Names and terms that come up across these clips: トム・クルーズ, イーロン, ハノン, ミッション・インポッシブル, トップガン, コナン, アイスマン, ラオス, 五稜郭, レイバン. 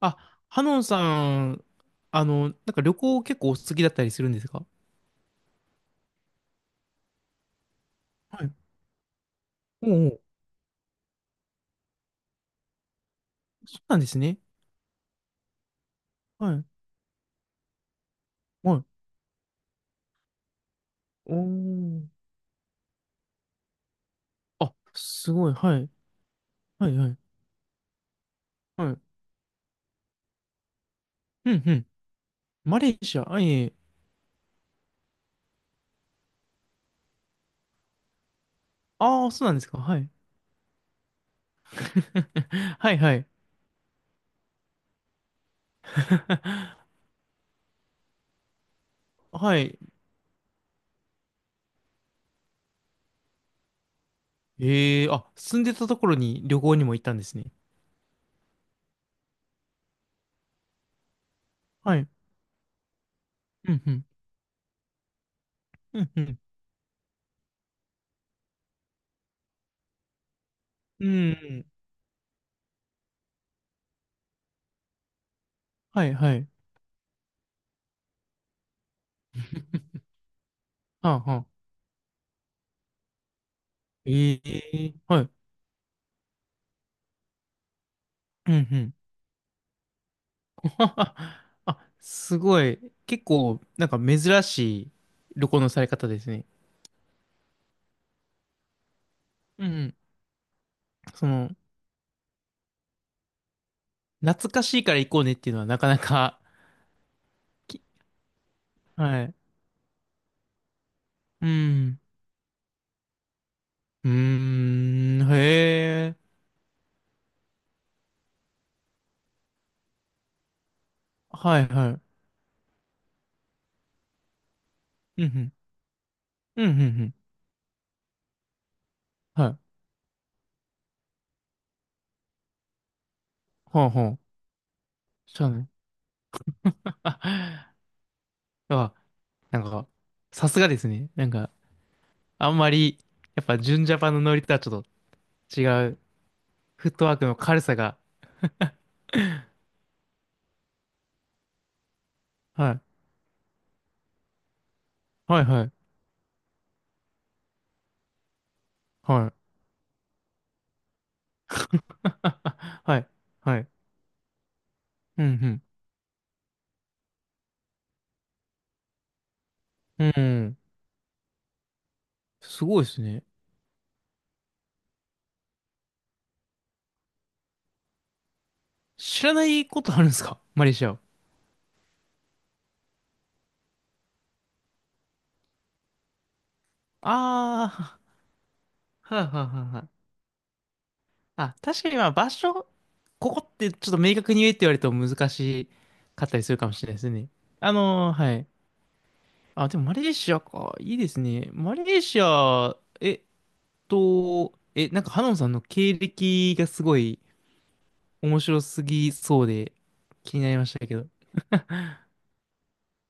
あ、ハノンさん、なんか旅行結構お好きだったりするんですか？はい。おうおう、そうなんですね。はい。はい。おお。あ、すごい。はい。はい、はい。はい。うん、うん。マレーシア、はいえいえ。ああ、そうなんですか。はい。はい、はい。はい。ええあ、住んでたところに旅行にも行ったんですね。はい。うん、うん。うん、うん。うん。はい、はい。はあ、はあ。ええはい。うん、うん。あ、すごい。結構、なんか珍しい旅行のされ方ですね。うんうん。その、懐かしいから行こうねっていうのはなかなか、きはい。うん。うーん、へえ。はいはい。うん、うん。うん、うん、うん。はい。ほうほう。そうね。あ、あ、なんか、さすがですね。なんか、あんまり、やっぱ、純ジャパンのノリとはちょっと違う、フットワークの軽さが、はい。はいはい。はい。はい。はい。うん、うん。うん。すごいですね。知らないことあるんですか、マレーシアを？ああ、はいはいはいはい。あ、確かにまあ場所、ここってちょっと明確に言えって言われると難しかったりするかもしれないですね。はい。あ、でもマレーシアか。いいですね。マレーシア、なんかハノンさんの経歴がすごい面白すぎそうで気になりましたけど。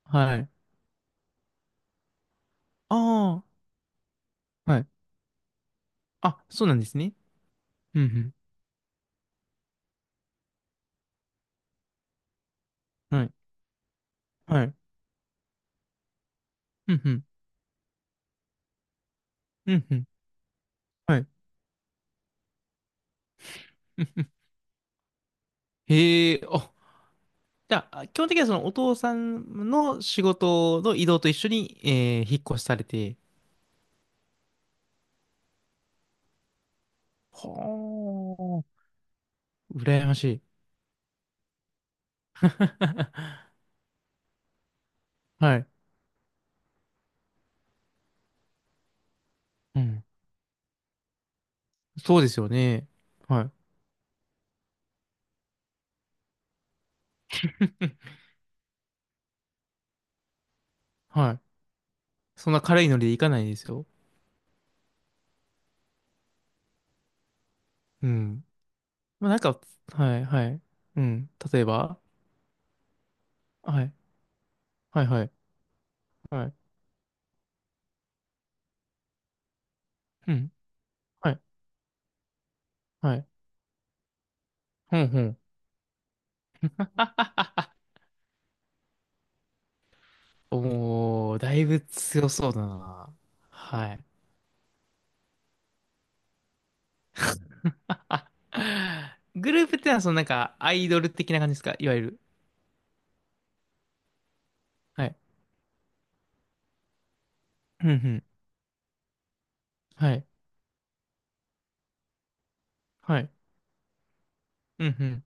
はい。ああ。はいあ、そうなんですね。うんうん。はい。はい。うんうん。うんうん。はい。うんうん、へえ、あ、じゃあ、基本的にはそのお父さんの仕事の移動と一緒に、引っ越しされて。はあ、羨ましい。はい。うん。そうですよね。はい。うんはい。そんな軽いノリでいかないですよ。うん。まあ、なんか、はい、はい。うん。例えば、はい、はい、はい、はい。うん。はい、はい。ほんほん。おー、だいぶ強そうだな。はい。あ、グループってのは、なんか、アイドル的な感じですか、いわゆる？はい。うんうん。はい。はい。うんうん。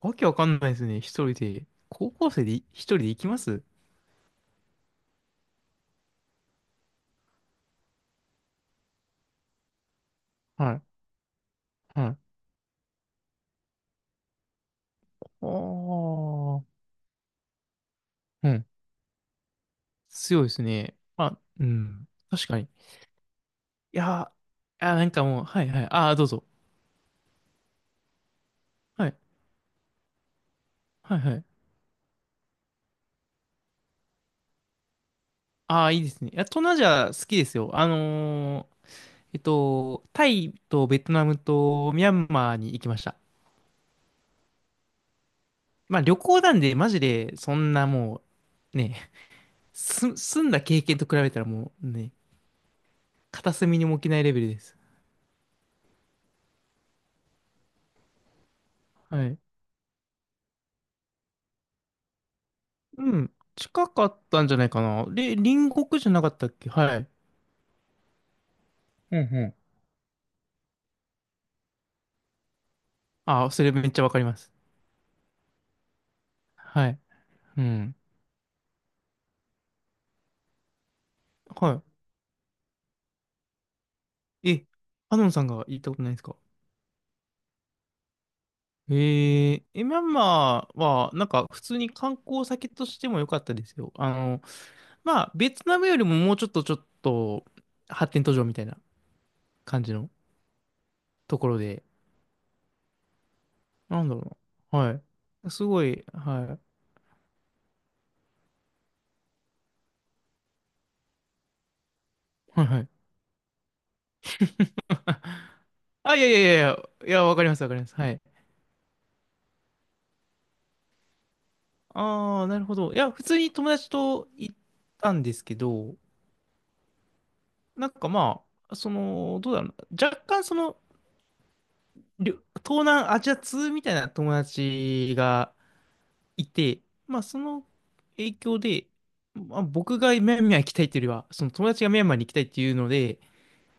わけわかんないですね。一人で。高校生で一人で行きます？はい。はい。おー。うん。強いですね。まあ、うん。確かに。いやー、いやーなんかもう、はいはい。ああ、どうぞ。はい。はいはい。ああ、いいですね。いや、東南アジア好きですよ。タイとベトナムとミャンマーに行きました。まあ旅行なんで、マジで、そんなもう、ね、住んだ経験と比べたらもうね、片隅にも置けないレベルです。はい。うん。近かったんじゃないかな。で、隣国じゃなかったっけ？はい。うんうん。ああ、それめっちゃわかります。はい。うん。はい。え、アノンさんが行ったことないですか？えええミャンマーは、なんか普通に観光先としても良かったですよ。まあ、ベトナムよりももうちょっと発展途上みたいな感じのところで、なんだろうな。はい。すごい、はい。はいはい。あ、いやいやいやいや、いや、わかりますわかります。はい。ああ、なるほど。いや、普通に友達と行ったんですけど、なんかまあ、どうだろうな。若干りょ東南アジア通みたいな友達が、いて、まあその影響で、まあ、僕がミャンマー行きたいっていうよりは、その友達がミャンマーに行きたいっていうので、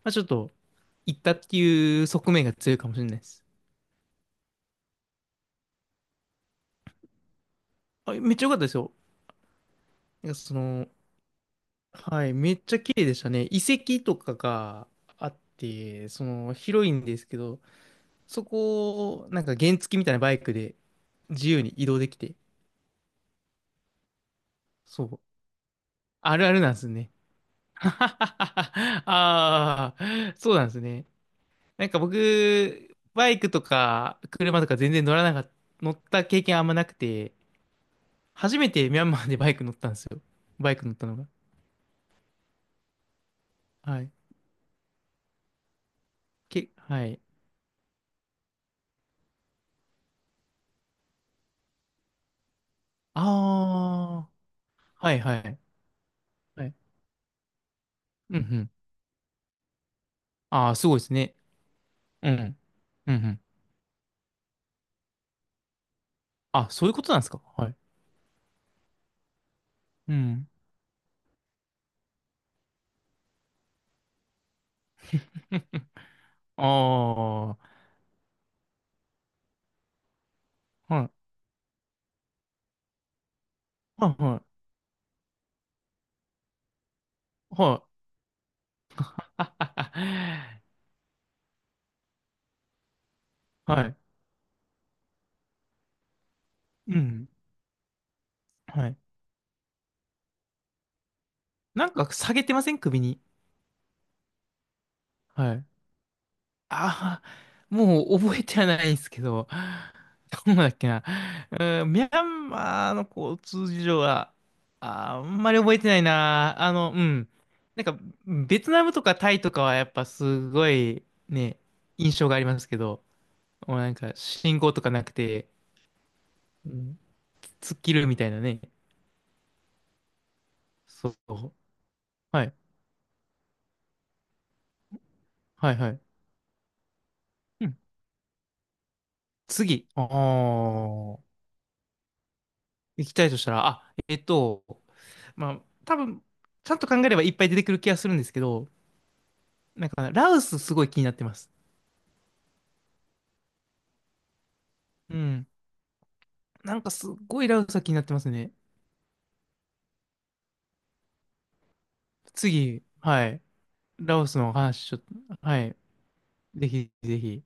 まあちょっと行ったっていう側面が強いかもしれないです。あ、めっちゃ良かったですよ。なんかはい、めっちゃ綺麗でしたね。遺跡とかがあって、その広いんですけど、そこをなんか原付みたいなバイクで自由に移動できて、そう、あるあるなんですね。ああ、そうなんですね。なんか僕、バイクとか車とか全然乗らなかった、乗った経験あんまなくて、初めてミャンマーでバイク乗ったんですよ。バイク乗ったのが。はい。はい。ああ、はいはい。はい。うんうん。ああ、すごいですね。うん。うんうん。あ、そういうことなんですか。はい。うん。ああ、はい。はいはい。はい。あはは、はい。うん。はい。なんか下げてません、首に？はい。ああ、もう覚えてはないんですけど、どうだっけな。うん、ミャンマーの交通事情は、あんまり覚えてないな。うん。なんか、ベトナムとかタイとかはやっぱすごいね、印象がありますけど、もうなんか信号とかなくて、うん、突っ切るみたいなね。そう。はい。はいはい。うん。次。ああ、行きたいとしたら、あ、まあ、多分、ちゃんと考えればいっぱい出てくる気がするんですけど、なんか、ラウスすごい気になってます。うん。なんかすっごいラウスは気になってますね。次、はい。ラオスの話、ちょっと、はい。ぜひぜひ。